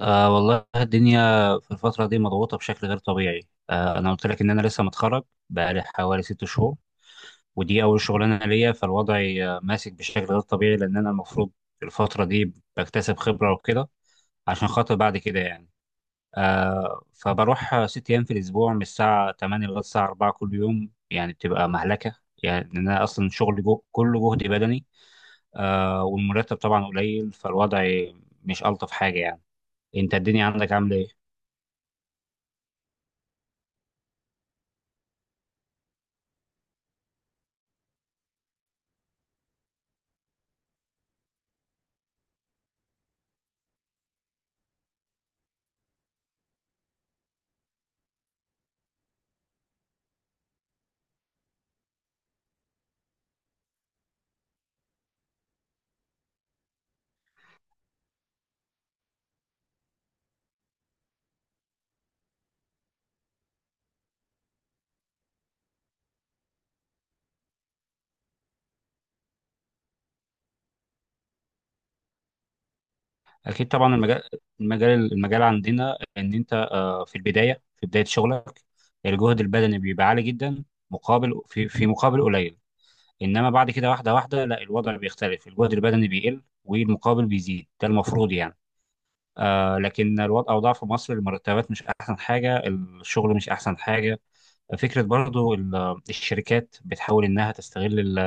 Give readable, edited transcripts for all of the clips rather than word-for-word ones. آه والله الدنيا في الفترة دي مضغوطة بشكل غير طبيعي. أنا قلت لك إن أنا لسه متخرج، بقالي حوالي 6 شهور، ودي أول شغلانة ليا، فالوضع ماسك بشكل غير طبيعي، لأن أنا المفروض الفترة دي بكتسب خبرة وكده، عشان خاطر بعد كده يعني. فبروح 6 أيام في الأسبوع من الساعة 8 لغاية الساعة 4 كل يوم، يعني بتبقى مهلكة، يعني لأن أنا أصلا شغلي جو كله جهد بدني. والمرتب طبعا قليل، فالوضع مش ألطف حاجة يعني. أنت الدنيا عندك عاملة إيه؟ اكيد طبعا. المجال عندنا ان انت في بدايه شغلك، الجهد البدني بيبقى عالي جدا، مقابل في في مقابل قليل. انما بعد كده، واحده واحده، لا، الوضع بيختلف، الجهد البدني بيقل والمقابل بيزيد، ده المفروض يعني. لكن اوضاع في مصر، المرتبات مش احسن حاجه، الشغل مش احسن حاجه. فكره برضو الشركات بتحاول انها تستغل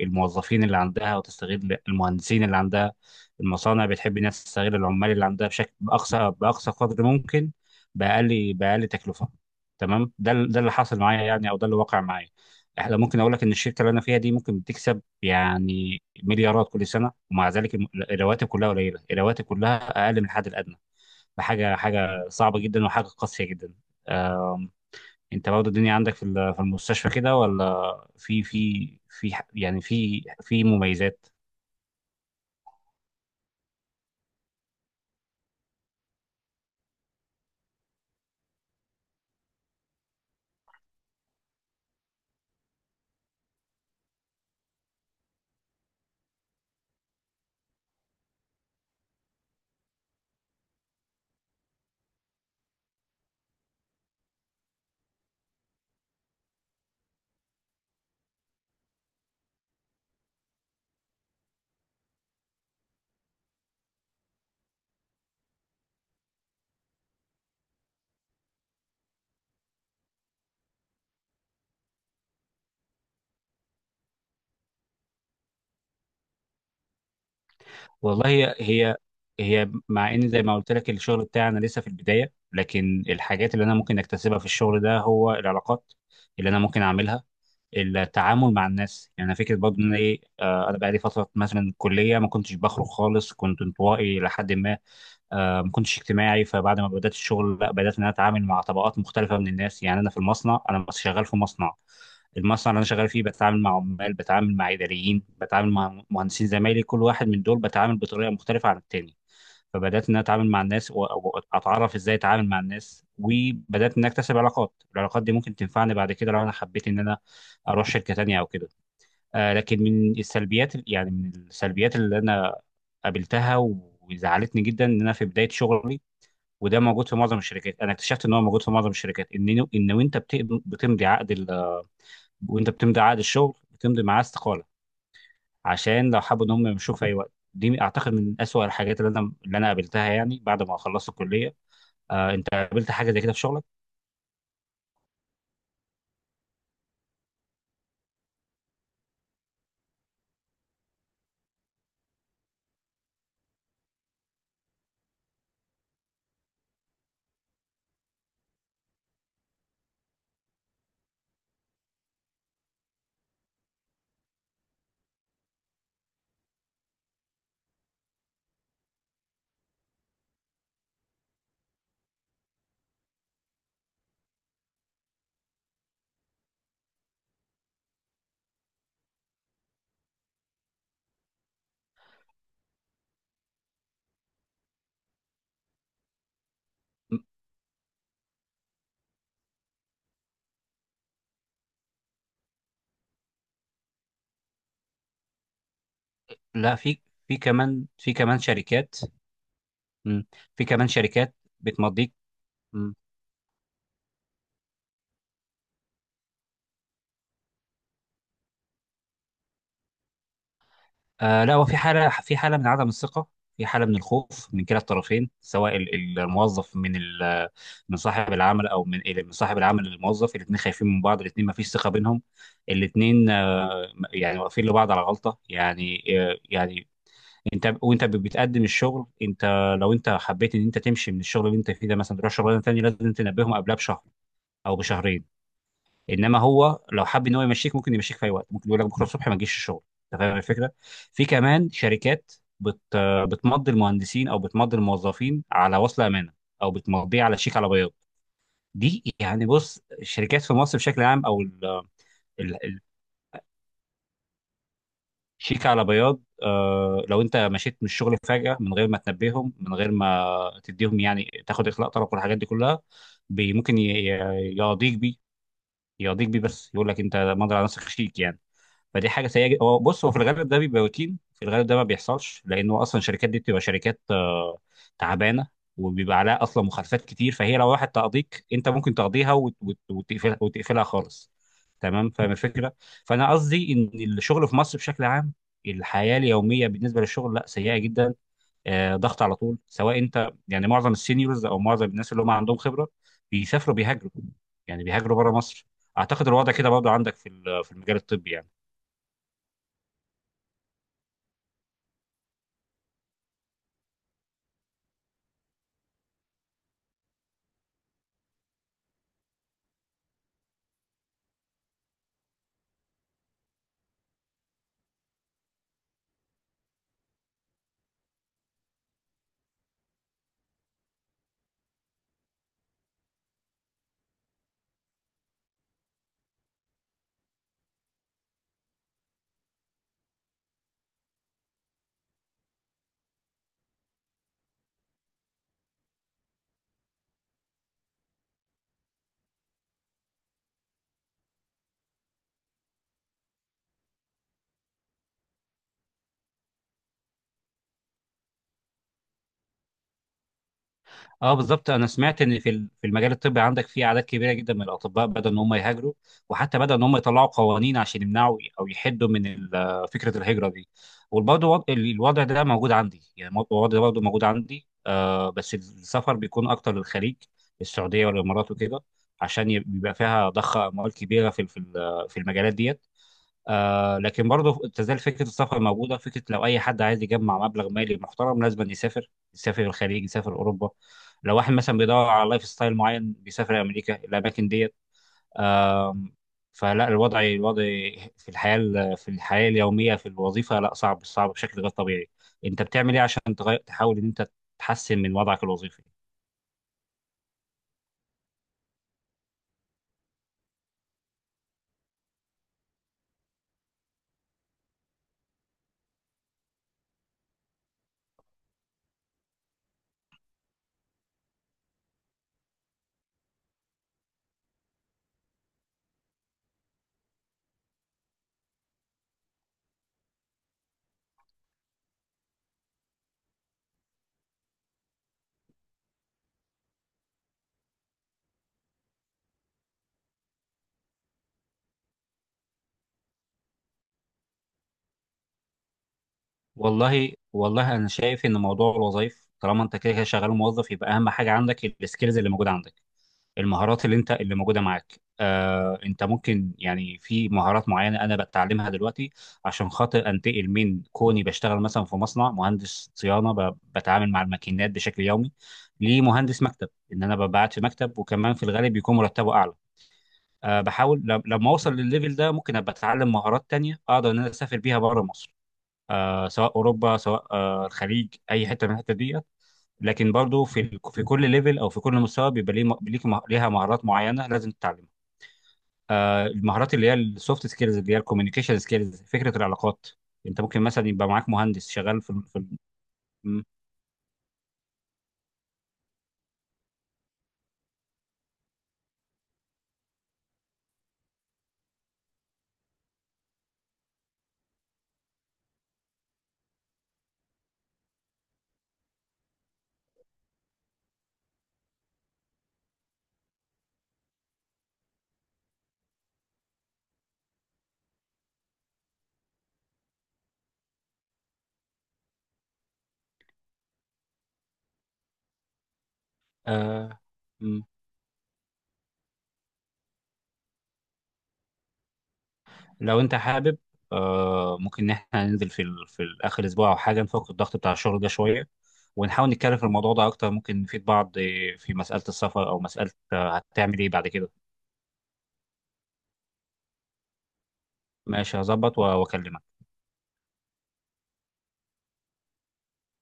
الموظفين اللي عندها، وتستغل المهندسين اللي عندها. المصانع بتحب انها تستغل العمال اللي عندها بشكل، باقصى قدر ممكن، باقل تكلفه. تمام، ده اللي حصل معايا يعني، او ده اللي وقع معايا. احنا ممكن اقول لك ان الشركه اللي انا فيها دي ممكن بتكسب يعني مليارات كل سنه، ومع ذلك الرواتب كلها قليله، الرواتب كلها اقل من الحد الادنى. فحاجه حاجه صعبه جدا، وحاجه قاسيه جدا. انت برضه الدنيا عندك في المستشفى كده، ولا يعني في مميزات؟ والله، هي مع ان زي ما قلت لك الشغل بتاعنا لسه في البدايه، لكن الحاجات اللي انا ممكن اكتسبها في الشغل ده هو العلاقات اللي انا ممكن اعملها، التعامل مع الناس. يعني انا فكره برضه ان انا ايه آه، انا بقالي فتره مثلا كليه ما كنتش بخرج خالص، كنت انطوائي لحد ما، ما كنتش اجتماعي. فبعد ما بدات الشغل، لا، بدات ان انا اتعامل مع طبقات مختلفه من الناس. يعني انا في المصنع، انا شغال في مصنع، المصنع اللي انا شغال فيه بتعامل مع عمال، بتعامل مع اداريين، بتعامل مع مهندسين زمايلي، كل واحد من دول بتعامل بطريقه مختلفه عن التاني. فبدات ان أنا اتعامل مع الناس، واتعرف ازاي اتعامل مع الناس، وبدات ان اكتسب علاقات. العلاقات دي ممكن تنفعني بعد كده لو انا حبيت ان انا اروح شركه تانية او كده. آه لكن من السلبيات، يعني من السلبيات اللي انا قابلتها، وزعلتني جدا ان انا في بدايه شغلي، وده موجود في معظم الشركات، انا اكتشفت ان هو موجود في معظم الشركات، ان وانت بتمضي عقد ال وانت بتمضي عقد الشغل بتمضي معاه استقاله، عشان لو حابب ان هم يمشوه في اي وقت. دي اعتقد من اسوأ الحاجات اللي انا قابلتها يعني بعد ما خلصت الكليه. انت قابلت حاجه زي كده في شغلك؟ م- لا، في كمان شركات. م. في كمان شركات بتمضيك. م. آه لا، هو في حاله من عدم الثقه، في حاله من الخوف من كلا الطرفين، سواء الموظف من صاحب العمل، او من صاحب العمل للموظف. الاثنين خايفين من بعض، الاثنين ما فيش ثقه بينهم، الاثنين يعني واقفين لبعض على غلطه يعني انت، وانت بتقدم الشغل، انت لو انت حبيت ان انت تمشي من الشغل اللي انت فيه ده مثلا تروح شغلانه تانيه، لازم تنبههم قبلها بشهر او بشهرين. انما هو لو حب ان هو يمشيك، ممكن يمشيك في اي وقت، ممكن يقول لك بكره الصبح ما تجيش الشغل. انت فاهم الفكره؟ في كمان شركات بت بتمضي المهندسين، او بتمضي الموظفين على وصل امانه، او بتمضيه على شيك على بياض. دي يعني، بص، الشركات في مصر بشكل عام، او شيك على بياض، آه لو انت مشيت من الشغل فجأة من غير ما تنبههم، من غير ما تديهم يعني تاخد اخلاء طلب والحاجات دي كلها، ممكن ي- يقاضيك بيه يقاضيك بيه. بس يقول لك انت مضي على نفسك شيك يعني. فدي حاجه سيئه جدا. هو بص، هو في الغالب ده بيبقى روتين، في الغالب ده ما بيحصلش، لانه اصلا الشركات دي بتبقى شركات تعبانه، وبيبقى عليها اصلا مخالفات كتير، فهي لو راحت تقضيك، انت ممكن تقضيها، وتقفلها خالص. تمام؟ فاهم الفكره؟ فانا قصدي ان الشغل في مصر بشكل عام، الحياه اليوميه بالنسبه للشغل، لا، سيئه جدا، ضغط على طول. سواء انت يعني معظم السينيورز او معظم الناس اللي هم عندهم خبره بيسافروا، بيهاجروا، يعني بيهاجروا بره مصر. اعتقد الوضع كده برضه عندك في المجال الطبي يعني. اه بالظبط، انا سمعت ان في في المجال الطبي عندك، في اعداد كبيره جدا من الاطباء بدأوا ان هم يهاجروا، وحتى بدأوا ان هم يطلعوا قوانين عشان يمنعوا او يحدوا من فكره الهجره دي. وبرضه الوضع ده موجود عندي يعني، الوضع ده برضه موجود عندي، بس السفر بيكون اكتر للخليج، السعوديه والامارات وكده، عشان بيبقى فيها ضخ اموال كبيره في المجالات ديت. لكن برضه تزال فكره السفر موجوده. فكره لو اي حد عايز يجمع مبلغ مالي محترم لازم يسافر، يسافر الخليج، يسافر اوروبا. لو واحد مثلا بيدور على لايف ستايل معين، بيسافر امريكا، الاماكن ديت. آم، فلا الوضع في الحياه اليوميه في الوظيفه، لا، صعب صعب بشكل غير طبيعي. انت بتعمل ايه عشان تغير، تحاول ان انت تحسن من وضعك الوظيفي؟ والله انا شايف ان موضوع الوظائف، طالما انت كده كده شغال موظف، يبقى اهم حاجه عندك السكيلز اللي موجوده عندك، المهارات اللي انت اللي موجوده معاك. آه، انت ممكن يعني في مهارات معينه انا بتعلمها دلوقتي، عشان خاطر انتقل من كوني بشتغل مثلا في مصنع مهندس صيانه، بتعامل مع الماكينات بشكل يومي، لمهندس مكتب، ان انا ببعت في مكتب، وكمان في الغالب بيكون مرتبه اعلى. آه، بحاول لما اوصل للليفل ده، ممكن ابقى اتعلم مهارات تانية اقدر ان انا اسافر بيها بره مصر، آه سواء اوروبا، سواء آه الخليج، اي حته من الحته دي. لكن برضو في كل ليفل او في كل مستوى بيبقى ليها مهارات معينه لازم تتعلمها. آه، المهارات اللي هي السوفت سكيلز، اللي هي الكوميونيكيشن سكيلز، فكره العلاقات. انت ممكن مثلا يبقى معاك مهندس شغال في ال- في ال- م- آه م- لو انت حابب، ممكن ان احنا ننزل في اخر اسبوع او حاجه، نفك الضغط بتاع الشغل ده شويه، ونحاول نتكلم في الموضوع ده اكتر، ممكن نفيد بعض في مساله السفر، او مساله هتعمل ايه بعد كده. ماشي، هظبط واكلمك.